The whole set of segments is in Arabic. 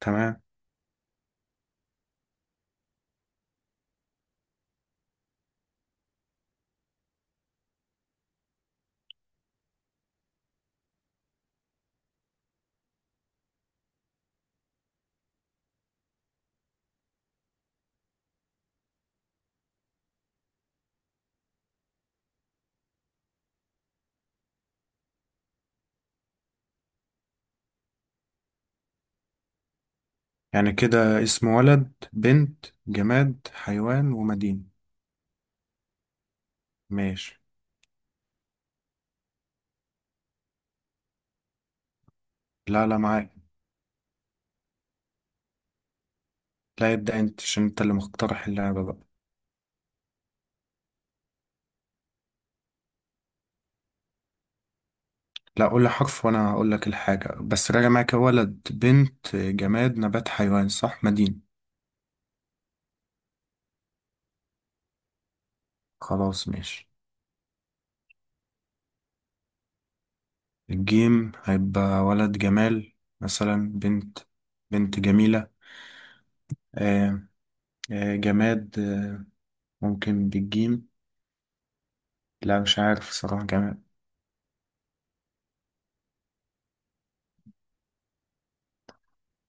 تمام. يعني كده اسم ولد، بنت، جماد، حيوان، ومدينة. ماشي. لا لا، معاك. لا، يبدأ انت عشان انت اللي مقترح اللعبة بقى. لا، قول لي حرف وانا هقول لك الحاجة، بس راجع معاك ولد بنت جماد نبات حيوان، صح؟ مدينة. خلاص ماشي. الجيم هيبقى ولد جمال مثلا. بنت جميلة. آه. جماد ممكن بالجيم. لا مش عارف صراحة، جماد.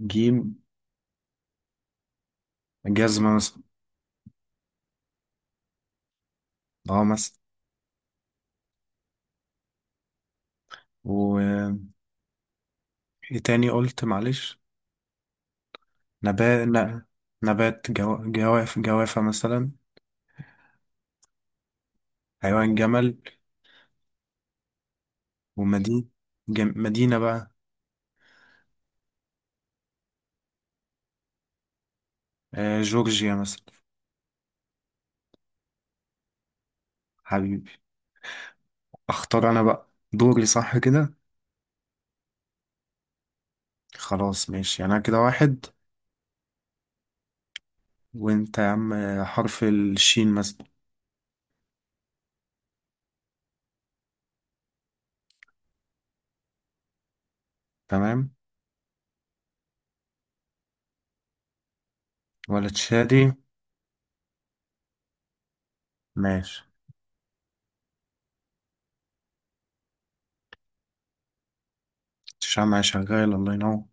جيم، جزمة مثلا. اه. مثلا. ايه تاني قلت؟ معلش. نبات نبات جو... جواف جوافة مثلا. حيوان جمل. ومدينة. مدينة بقى. آه، جورجيا مثلا. حبيبي. اختار انا بقى دوري، صح كده؟ خلاص ماشي، انا كده واحد. وانت يا عم. حرف الشين مثلا. تمام. ولا تشادي. ماشي. الشمعة شغال، الله ينور.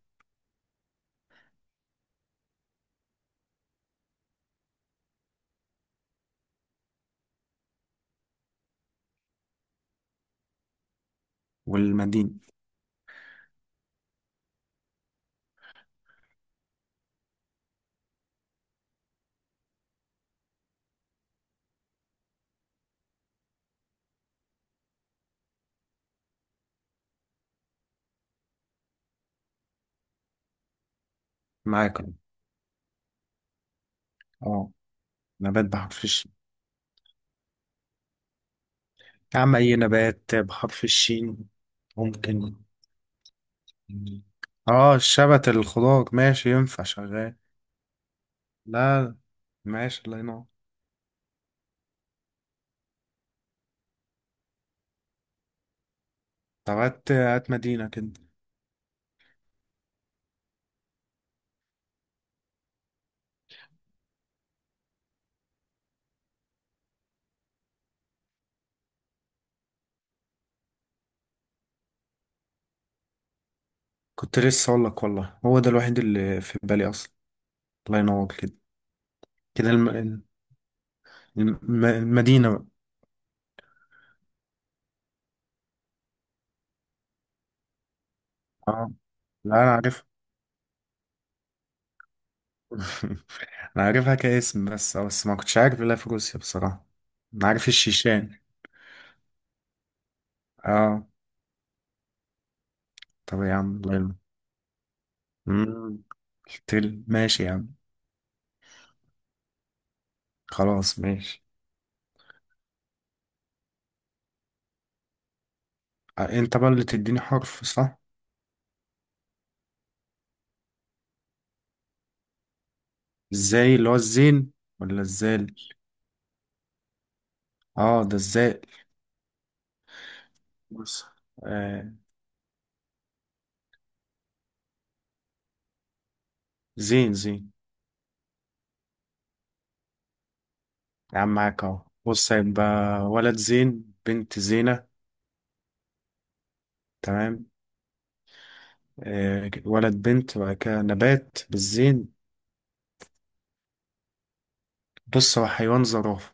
والمدينة. معاك أهو. اه. نبات بحرف الشين. يا عم، اي نبات بحرف الشين. ممكن. اه، الشبت الخضار، ماشي ينفع شغال. لا، ماشي، الله ينور. طب هات هات مدينة كده. كنت لسه اقول لك والله، هو ده الوحيد اللي في بالي اصلا. الله ينور كده. كده المدينة بقى. اه. لا، انا عارف. انا عارفها كاسم بس، بس ما كنتش عارف الا في روسيا بصراحة. انا عارف الشيشان. اه. طب يا عم، الله ينور. مم. ماشي يا عم. خلاص ماشي. انت بقى اللي تديني حرف، صح؟ ازاي، اللي هو الزين ولا الزال؟ اه، ده الزال. بص. آه. زين، زين. يا عم معاك اهو. بص هيبقى ولد زين، بنت زينة. تمام. آه، ولد بنت، وبعد كده نبات بالزين. بص، هو حيوان زرافة.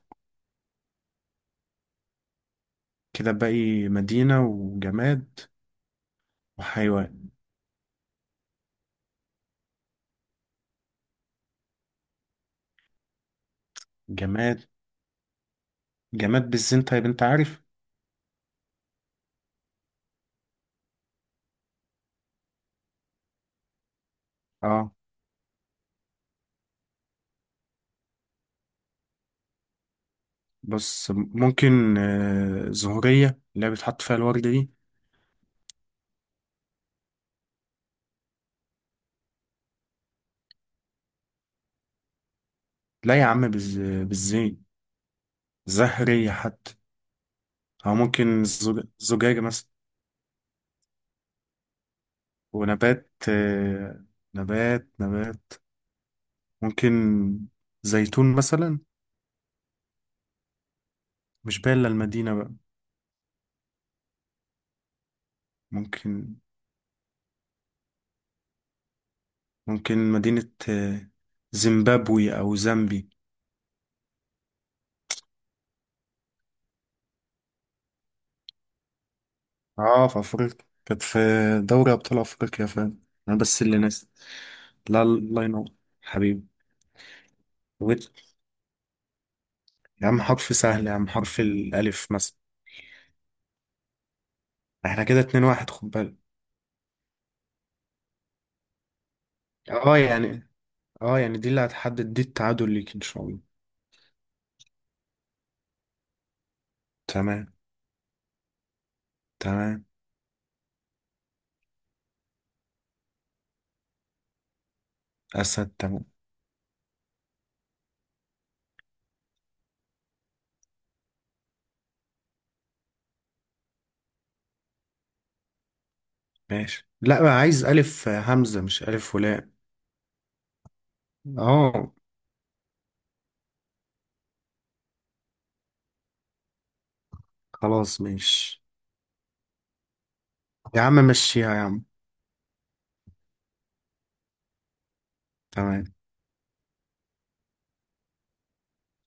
كده باقي مدينة وجماد. وحيوان. جماد. جماد بالزين، طيب انت عارف. اه. بص ممكن زهرية، اللي هي بيتحط فيها الورد دي. لا يا عم، بالزين. زهرية حتى. أو ممكن زجاجة مثلا. ونبات. نبات ممكن زيتون مثلا. مش باين إلا المدينة بقى. ممكن. ممكن مدينة، زيمبابوي أو زامبي. اه، في أفريقيا. كانت في دوري أبطال أفريقيا، فاهم. أنا بس اللي ناس. لا، الله ينور. حبيبي. ويت. يا عم حرف سهل يا عم، حرف الألف مثلا. احنا كده اتنين واحد، خد بالك. اه يعني. اه يعني دي اللي هتحدد، دي التعادل ليك إن شاء الله. تمام. تمام. أسد. تمام. ماشي، لا بقى عايز ألف همزة مش ألف ولام. أه. خلاص ماشي. يا عم مشيها يا عم. تمام.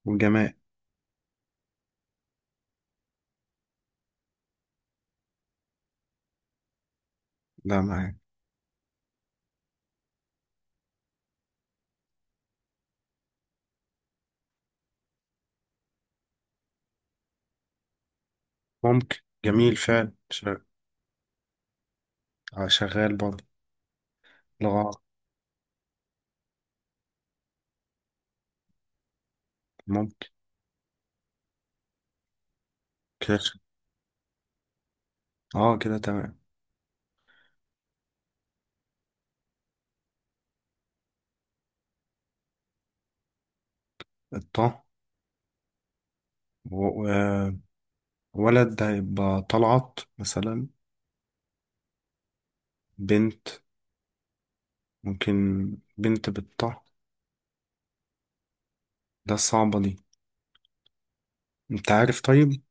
وجماء. لا، معاك. ممكن. جميل فعلا. آه، شغال برضه. لغة. ممكن. كده أه، كده تمام. الطه. و- و- ولد ده هيبقى طلعت مثلا. بنت. ممكن. بنت بالطه. ده صعبة دي. أنت عارف طيب؟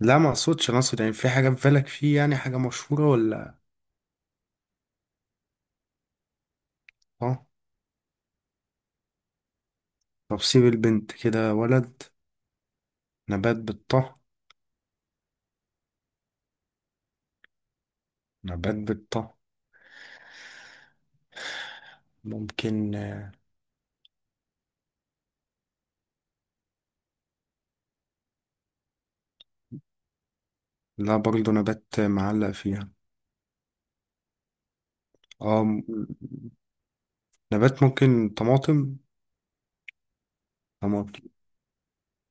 لا ما أقصدش، أنا أقصد يعني في حاجة في بالك، فيه يعني حاجة مشهورة ولا. أه. طب سيب البنت كده، ولد. نبات بالطه. نبات بالطه. ممكن. لا برضه، نبات معلق فيها. اه نبات ممكن طماطم. طماطم.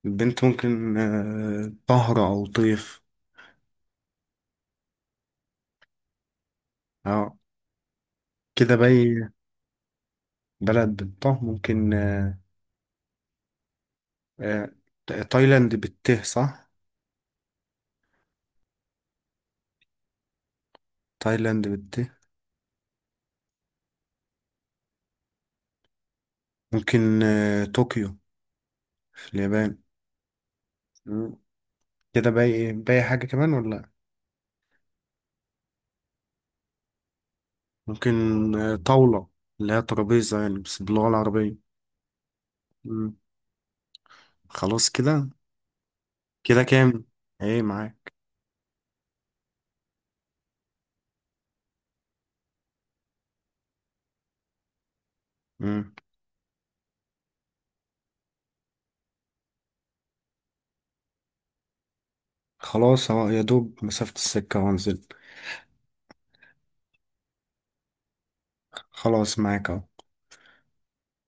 البنت ممكن طهر أو طيف. اه. كده باي. بلد بالطه ممكن. آه، تايلاند بالته، صح؟ تايلاند بالته. ممكن طوكيو في اليابان. مم. كده باي باي، حاجة كمان ولا لأ؟ ممكن طاولة، اللي هي ترابيزة يعني بس باللغة العربية. مم. خلاص كده. كده كام؟ ايه معاك. مم. خلاص اهو، يا دوب مسافة السكة وانزل. خلاص معاك اهو.